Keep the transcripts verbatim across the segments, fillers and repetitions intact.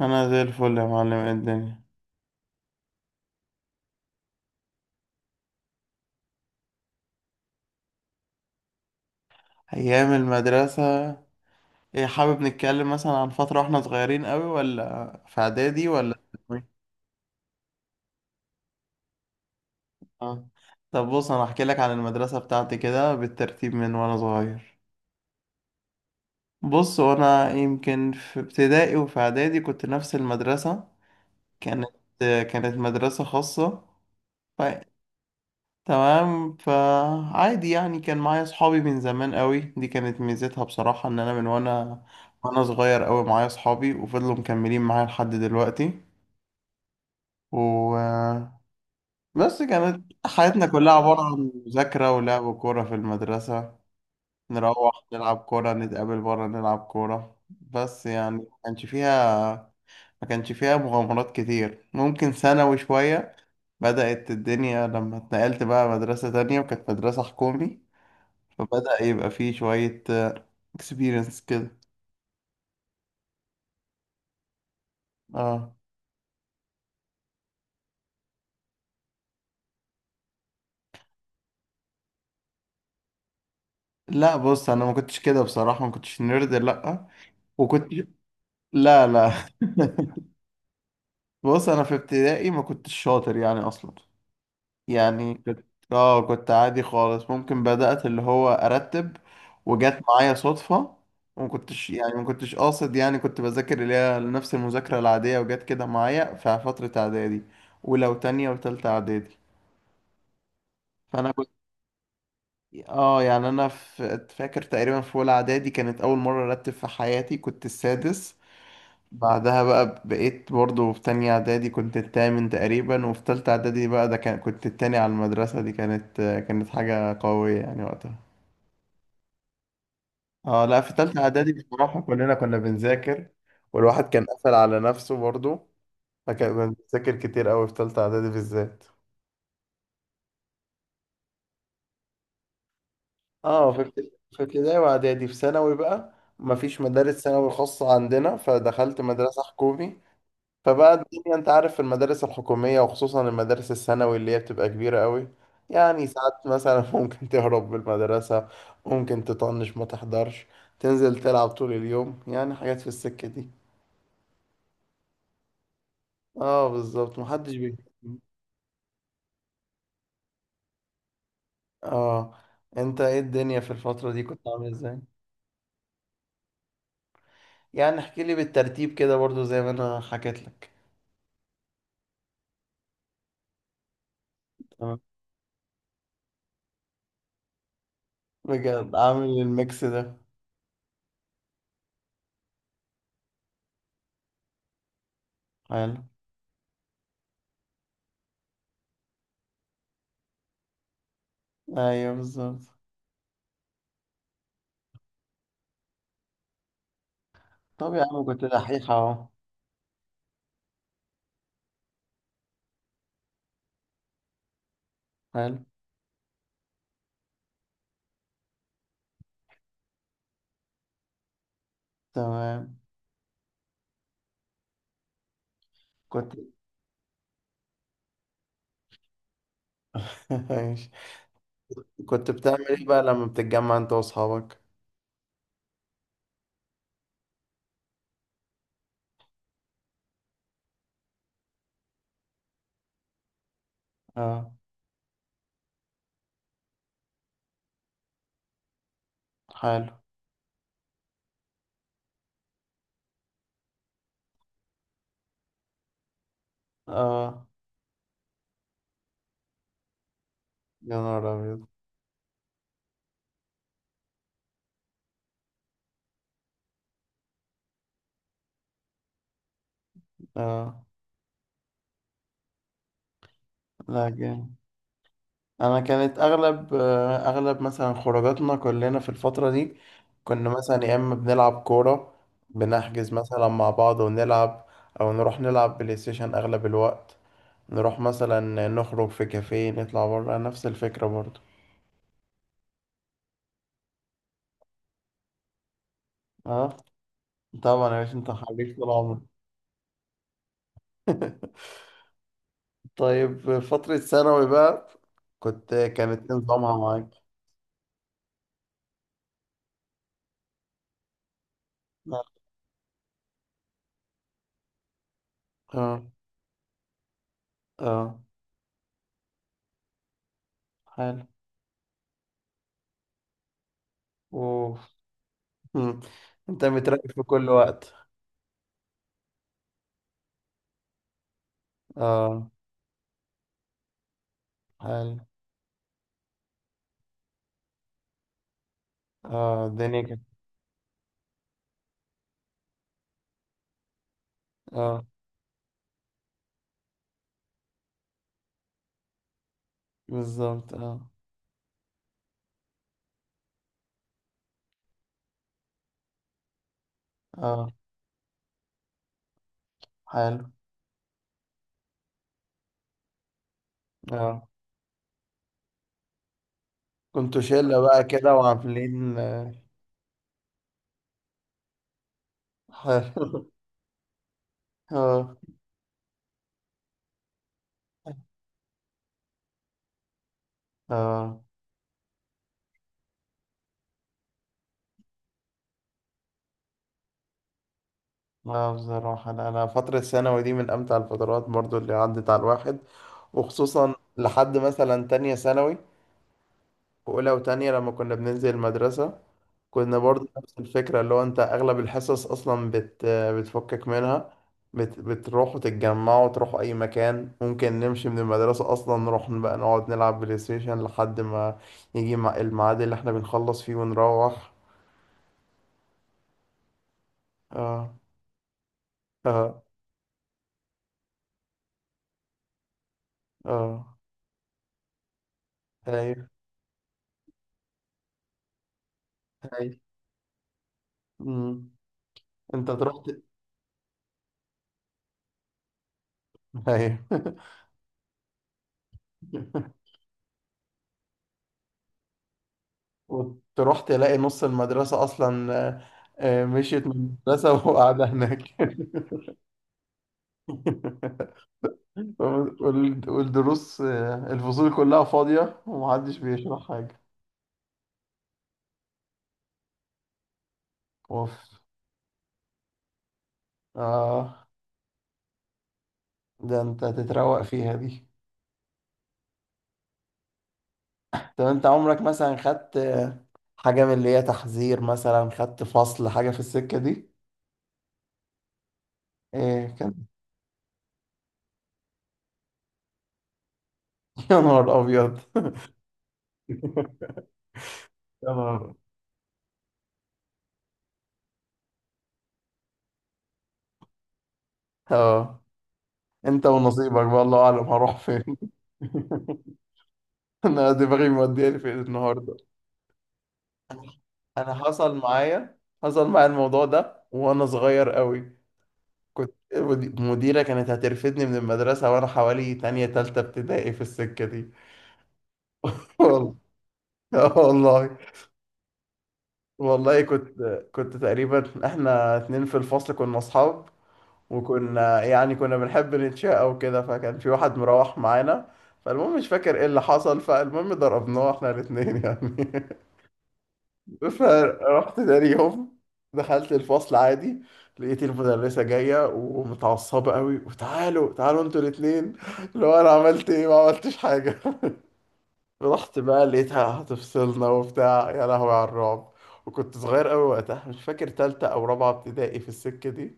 انا زي الفل يا معلم. إيه الدنيا؟ ايام المدرسة، ايه؟ حابب نتكلم مثلا عن فترة واحنا صغيرين قوي، ولا في اعدادي، ولا ثانوي؟ اه. طب بص، انا احكي لك عن المدرسة بتاعتي كده بالترتيب من وانا صغير. بص، وانا يمكن في ابتدائي وفي اعدادي كنت نفس المدرسة. كانت كانت مدرسة خاصة. تمام، فعادي يعني، كان معايا صحابي من زمان قوي. دي كانت ميزتها بصراحة، ان انا من وانا وانا صغير قوي معايا صحابي، وفضلوا مكملين معايا لحد دلوقتي. و بس كانت حياتنا كلها عبارة عن مذاكرة ولعب كورة في المدرسة. نروح نلعب كورة، نتقابل بره نلعب كورة، بس يعني ما كانش فيها ما كانش فيها مغامرات كتير. ممكن ثانوي شوية بدأت الدنيا، لما اتنقلت بقى مدرسة تانية، وكانت مدرسة حكومي، فبدأ يبقى فيه شوية اكسبيرينس كده. اه. لا بص، انا ما كنتش كده بصراحة، ما كنتش نيرد، لا. وكنت لا، لا. بص، انا في ابتدائي ما كنتش شاطر يعني اصلا. يعني كنت اه، كنت عادي خالص. ممكن بدأت اللي هو ارتب وجت معايا صدفة، وما كنتش يعني ما كنتش قاصد يعني. كنت بذاكر اللي هي نفس المذاكرة العادية، وجت كده معايا في فترة اعدادي، ولو تانية وتالتة اعدادي. فانا اه، يعني انا ف- فاكر تقريبا في اولى اعدادي كانت اول مره ارتب في حياتي، كنت السادس. بعدها بقى بقيت برضو في تانية اعدادي، كنت التامن تقريبا. وفي تالتة اعدادي بقى، ده كان كنت التاني على المدرسه. دي كانت كانت حاجه قويه يعني وقتها. اه، لا في تالتة اعدادي بصراحه كلنا كنا بنذاكر، والواحد كان قفل على نفسه برضو. فكان بنذاكر كتير قوي في تالتة اعدادي بالذات. اه، في ابت- في ابتدائي واعدادي. في ثانوي بقى مفيش مدارس ثانوي خاصة عندنا، فدخلت مدرسة حكومي. فبقى الدنيا، انت عارف المدارس الحكومية، وخصوصا المدارس الثانوي اللي هي بتبقى كبيرة قوي. يعني ساعات مثلا ممكن تهرب بالمدرسة، ممكن تطنش ما تحضرش، تنزل تلعب طول اليوم، يعني حاجات في السكة دي. اه بالظبط، محدش بي. اه، انت ايه؟ الدنيا في الفترة دي كنت عامل ازاي؟ يعني احكي لي بالترتيب كده برضو زي ما انا حكيت لك. بجد عامل الميكس ده. حلو. ايوه بالظبط. طب يا عم كنت دحيح اهو. حلو. تمام. كنت ماشي. كنت بتعمل ايه بقى لما بتتجمع انت واصحابك؟ اه. حلو. اه. يا نهار ابيض. اه. لا جامد. انا كانت اغلب، آه، اغلب مثلا خروجاتنا كلنا في الفترة دي، كنا مثلا يا اما بنلعب كورة، بنحجز مثلا مع بعض ونلعب، او نروح نلعب بلاي ستيشن اغلب الوقت. نروح مثلا نخرج في كافيه، نطلع بره، نفس الفكرة برضو. اه، طبعا يا باشا، انت حريف طول عمرك. طيب، فترة ثانوي بقى كنت كانت إيه نظامها معاك؟ اه. اه. حلو. اوف. مم. انت متراقب في كل وقت. اه. حلو. اه الدنيا كده. اه بالظبط. اه. اه حلو. اه، كنتوا شلة بقى كده وعاملين، آه، حلو. اه. اه. لا بصراحة، أنا أنا فترة الثانوي دي من أمتع الفترات برضو اللي عدت على الواحد، وخصوصا لحد مثلا تانية ثانوي. وأولى وتانية لما كنا بننزل المدرسة، كنا برضو نفس الفكرة، اللي هو أنت أغلب الحصص أصلا بت بتفكك منها، بت بتروحوا تتجمعوا، تروحوا أي مكان. ممكن نمشي من المدرسة أصلا، نروح بقى نقعد نلعب بلاي ستيشن لحد ما يجي مع- الميعاد اللي احنا بنخلص فيه ونروح. آه. آه. آه. أيوه. أيوه. أمم. انت تروح؟ ايوه. وتروح تلاقي نص المدرسة أصلا، آه، آه، مشيت من المدرسة وقاعدة هناك. وال- والدروس، آه، الفصول كلها فاضية، ومحدش بيشرح حاجة. اوف. اه. ده انت تتروق فيها دي. طب انت عمرك مثلا خدت، آه، حاجة من اللي هي تحذير؟ مثلا خدت فصل، حاجة في السكة دي؟ ايه كان؟ يا نهار أبيض. يا نهار. اه، انت ونصيبك بقى، الله أعلم هروح فين. انا دماغي مودياني في إيه النهارده. انا حصل معايا حصل معايا الموضوع ده وانا صغير قوي. كنت المد- المديره كانت هترفدني من المدرسه، وانا حوالي تانية تالتة ابتدائي في السكه دي. والله. آه والله. والله كنت كنت تقريبا، احنا اتنين في الفصل كنا اصحاب، وكنا يعني كنا بنحب نتشاقى وكده. فكان في واحد مروح معانا. فالمهم مش فاكر ايه اللي حصل، فالمهم ضربناه احنا الاتنين يعني. فرحت تاني يوم دخلت الفصل عادي، لقيت المدرسة جاية ومتعصبة قوي، وتعالوا تعالوا انتوا الاتنين. اللي هو انا عملت ايه؟ ما عملتش حاجة. رحت بقى لقيتها هتفصلنا وبتاع، يا لهوي على الرعب. وكنت صغير قوي وقتها، مش فاكر تالتة او رابعة ابتدائي في السكة دي.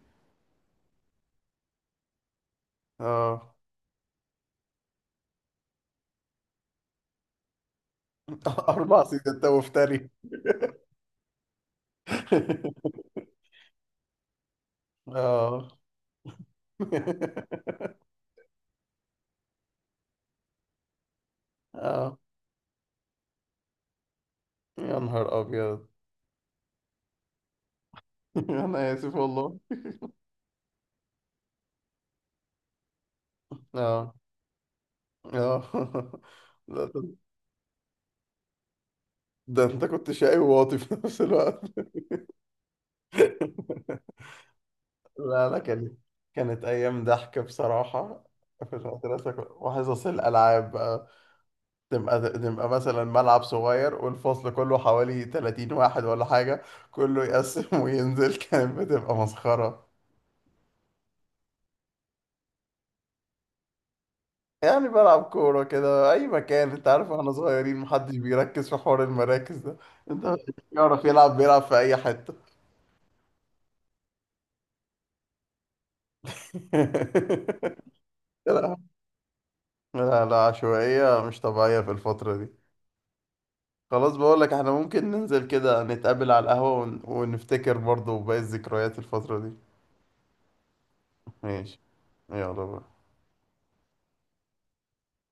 اه. اربع سنين، انت مفتري. اه. اه. يا نهار ابيض. انا اسف والله. اه. اه. لا طب- ده انت كنت شقي وواطي في نفس الوقت. لا لا. كانت كانت ايام ضحك بصراحه. في المدرسه كنت- وحصص الالعاب بقى، تبقى تبقى مثلا ملعب صغير، والفصل كله حوالي تلاتين واحد ولا حاجه، كله يقسم وينزل، كانت بتبقى مسخره. يعني بلعب كوره كده اي مكان، انت عارف احنا صغيرين، محدش بيركز في حوار المراكز ده. انت يعرف يلعب بيلعب في اي حته. لا لا، عشوائية مش طبيعية في الفترة دي. خلاص، بقولك احنا ممكن ننزل كده، نتقابل على القهوة ون... ونفتكر برضه باقي الذكريات الفترة دي. ماشي. يلا بقى.